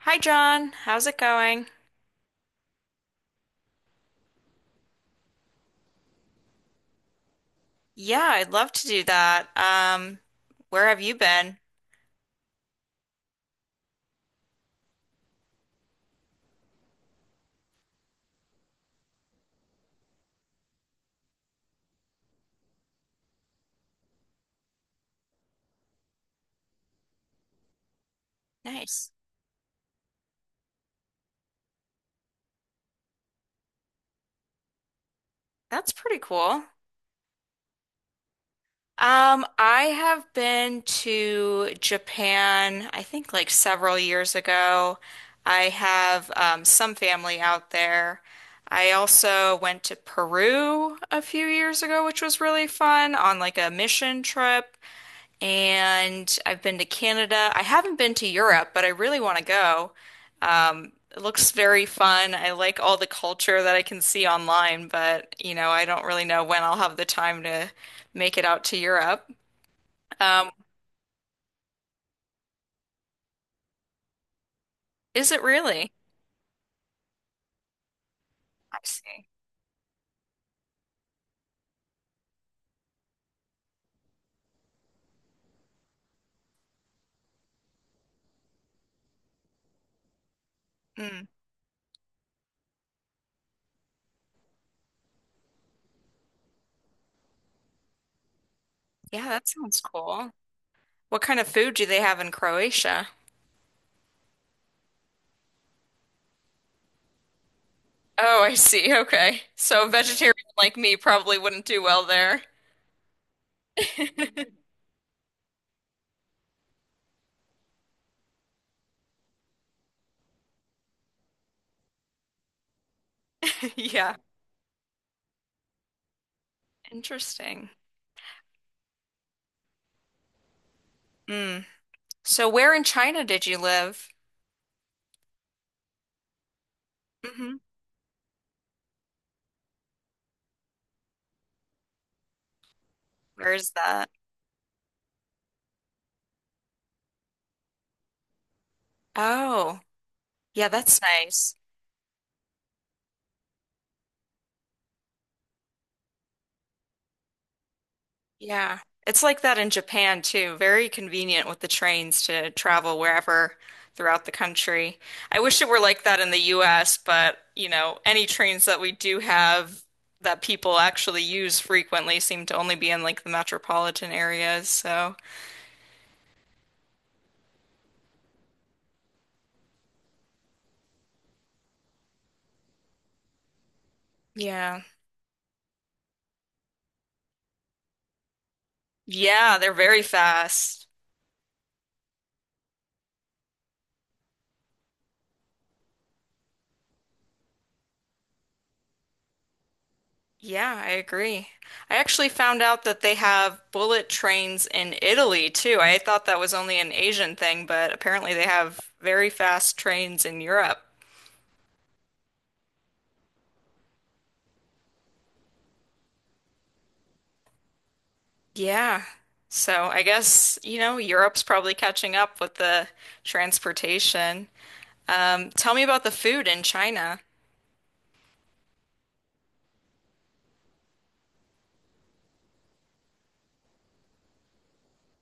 Hi John, how's it going? Yeah, I'd love to do that. Where have you been? Nice. That's pretty cool. I have been to Japan, I think like several years ago. I have some family out there. I also went to Peru a few years ago, which was really fun on like a mission trip. And I've been to Canada. I haven't been to Europe, but I really want to go. It looks very fun. I like all the culture that I can see online, but I don't really know when I'll have the time to make it out to Europe. Um, is it really? I see. Mm, yeah, that sounds cool. What kind of food do they have in Croatia? Oh, I see. Okay. So a vegetarian like me probably wouldn't do well there. Yeah. Interesting. Mm. So where in China did you live? Hmm. Where's that? Oh, yeah, that's nice. Yeah. It's like that in Japan too. Very convenient with the trains to travel wherever throughout the country. I wish it were like that in the US, but any trains that we do have that people actually use frequently seem to only be in like the metropolitan areas. So, yeah. Yeah, they're very fast. Yeah, I agree. I actually found out that they have bullet trains in Italy too. I thought that was only an Asian thing, but apparently they have very fast trains in Europe. Yeah. So I guess, Europe's probably catching up with the transportation. Tell me about the food in China.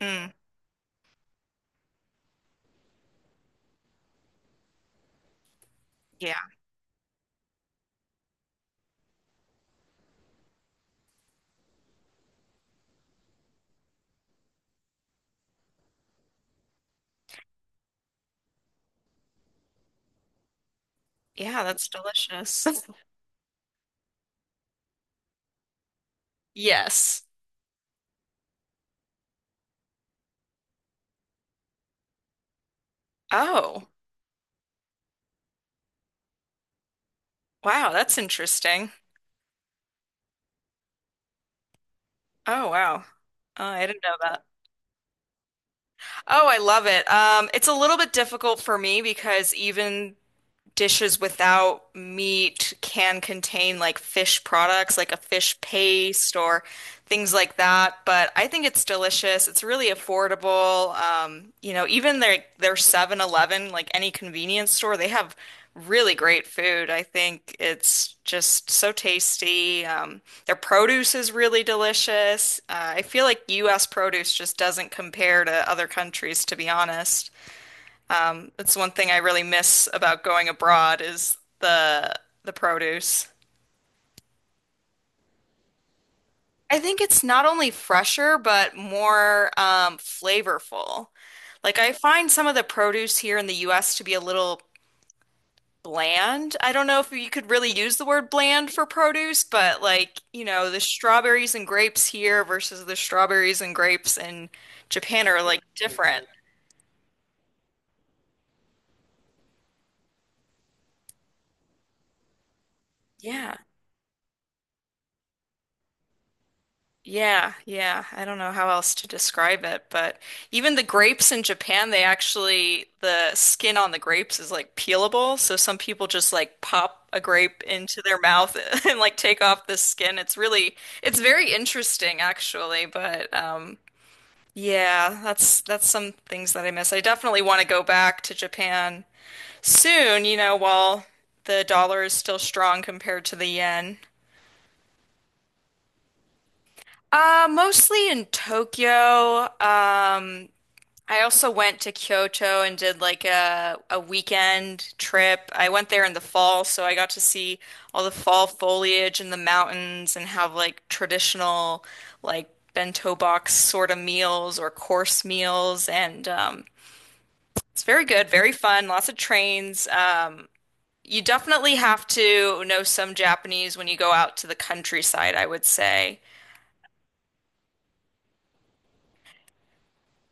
Mm, yeah. Yeah, that's delicious. Yes. Oh, wow, that's interesting. Oh, wow. Oh, I didn't know that. Oh, I love it. It's a little bit difficult for me because even dishes without meat can contain like fish products, like a fish paste or things like that. But I think it's delicious. It's really affordable. Even their 7-Eleven, like any convenience store, they have really great food. I think it's just so tasty. Their produce is really delicious. I feel like U.S. produce just doesn't compare to other countries, to be honest. That's one thing I really miss about going abroad is the produce. I think it's not only fresher but more flavorful. Like I find some of the produce here in the US to be a little bland. I don't know if you could really use the word bland for produce, but like, the strawberries and grapes here versus the strawberries and grapes in Japan are like different. Yeah. Yeah, yeah. I don't know how else to describe it, but even the grapes in Japan, they actually, the skin on the grapes is like peelable. So some people just like pop a grape into their mouth and like take off the skin. It's really, it's very interesting actually, but yeah, that's some things that I miss. I definitely want to go back to Japan soon, while the dollar is still strong compared to the yen. Mostly in Tokyo. I also went to Kyoto and did like a weekend trip. I went there in the fall, so I got to see all the fall foliage in the mountains and have like traditional like bento box sort of meals or course meals and it's very good, very fun, lots of trains. You definitely have to know some Japanese when you go out to the countryside, I would say.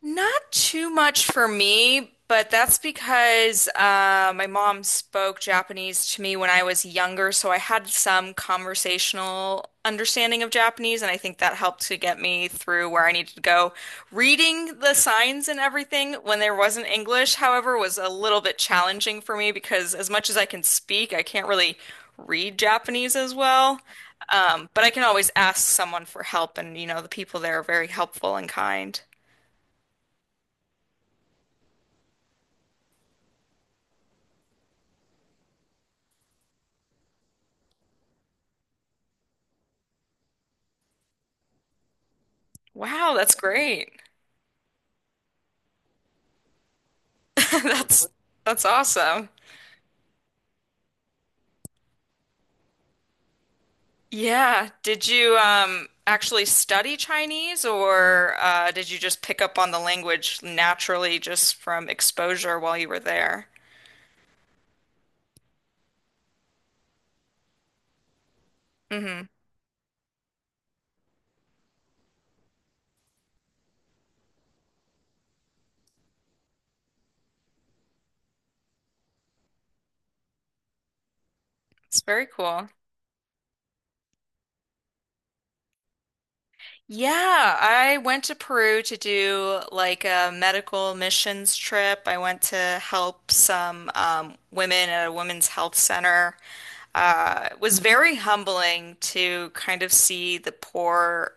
Not too much for me, but that's because my mom spoke Japanese to me when I was younger, so I had some conversational understanding of Japanese, and I think that helped to get me through where I needed to go. Reading the signs and everything when there wasn't English, however, was a little bit challenging for me because as much as I can speak, I can't really read Japanese as well. But I can always ask someone for help, and the people there are very helpful and kind. Wow, that's great. That's that's awesome. Yeah. Did you actually study Chinese or did you just pick up on the language naturally just from exposure while you were there? Hmm. It's very cool. Yeah, I went to Peru to do like a medical missions trip. I went to help some women at a women's health center. Was very humbling to kind of see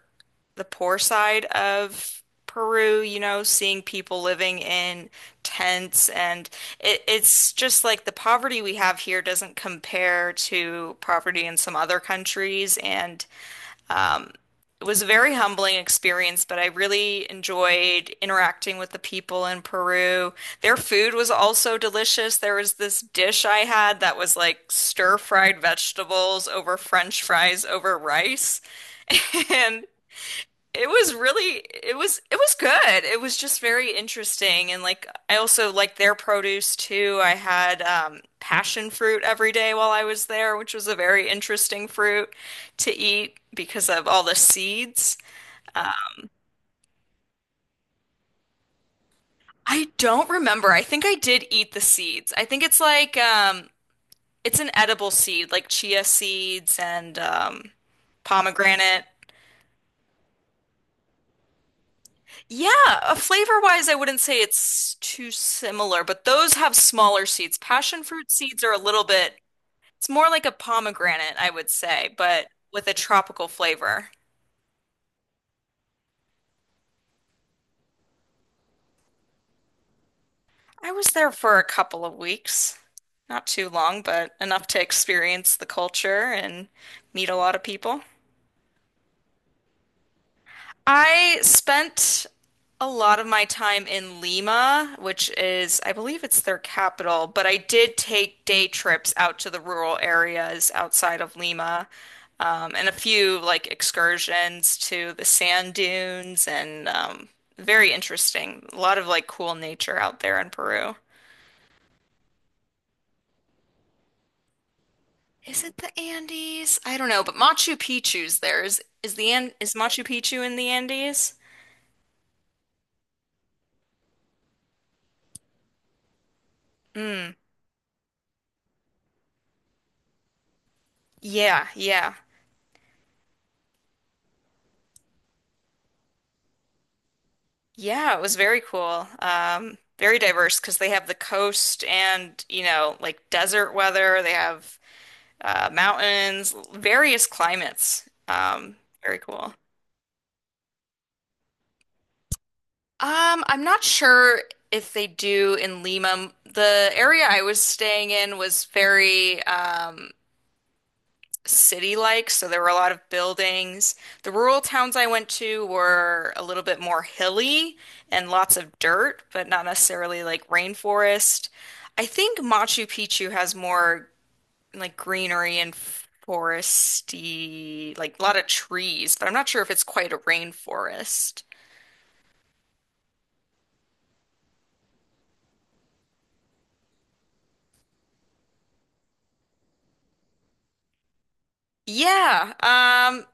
the poor side of Peru, seeing people living in tents and it's just like the poverty we have here doesn't compare to poverty in some other countries and it was a very humbling experience, but I really enjoyed interacting with the people in Peru. Their food was also delicious. There was this dish I had that was like stir-fried vegetables over French fries over rice. And it was good. It was just very interesting. And like I also liked their produce too. I had passion fruit every day while I was there, which was a very interesting fruit to eat because of all the seeds. I don't remember. I think I did eat the seeds. I think it's like it's an edible seed, like chia seeds and pomegranate. Yeah, flavor-wise, I wouldn't say it's too similar, but those have smaller seeds. Passion fruit seeds are a little bit, it's more like a pomegranate, I would say, but with a tropical flavor. I was there for a couple of weeks. Not too long, but enough to experience the culture and meet a lot of people. I spent a lot of my time in Lima, which is, I believe it's their capital, but I did take day trips out to the rural areas outside of Lima, and a few like excursions to the sand dunes and very interesting. A lot of like cool nature out there in Peru. Is it the Andes? I don't know, but Machu Picchu's there. Is Machu Picchu in the Andes? Mm, yeah, yeah. Yeah, it was very cool. Very diverse because they have the coast and, like desert weather. They have mountains, various climates. Very cool. I'm not sure if they do in Lima. The area I was staying in was very city-like, so there were a lot of buildings. The rural towns I went to were a little bit more hilly and lots of dirt, but not necessarily like rainforest. I think Machu Picchu has more like greenery and foresty, like a lot of trees, but I'm not sure if it's quite a rainforest. Yeah,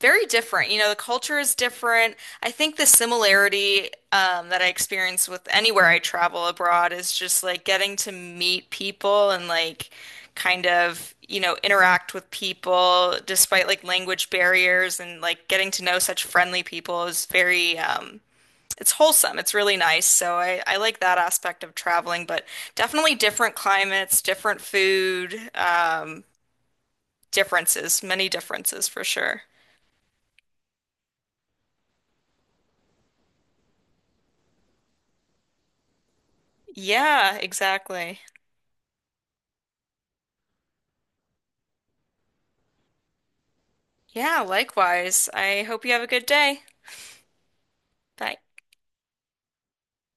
very different. You know, the culture is different. I think the similarity that I experience with anywhere I travel abroad is just like getting to meet people and like kind of, interact with people despite like language barriers and like getting to know such friendly people is very, it's wholesome. It's really nice. So I like that aspect of traveling, but definitely different climates, different food, differences, many differences for sure. Yeah, exactly. Yeah, likewise. I hope you have a good day. Bye.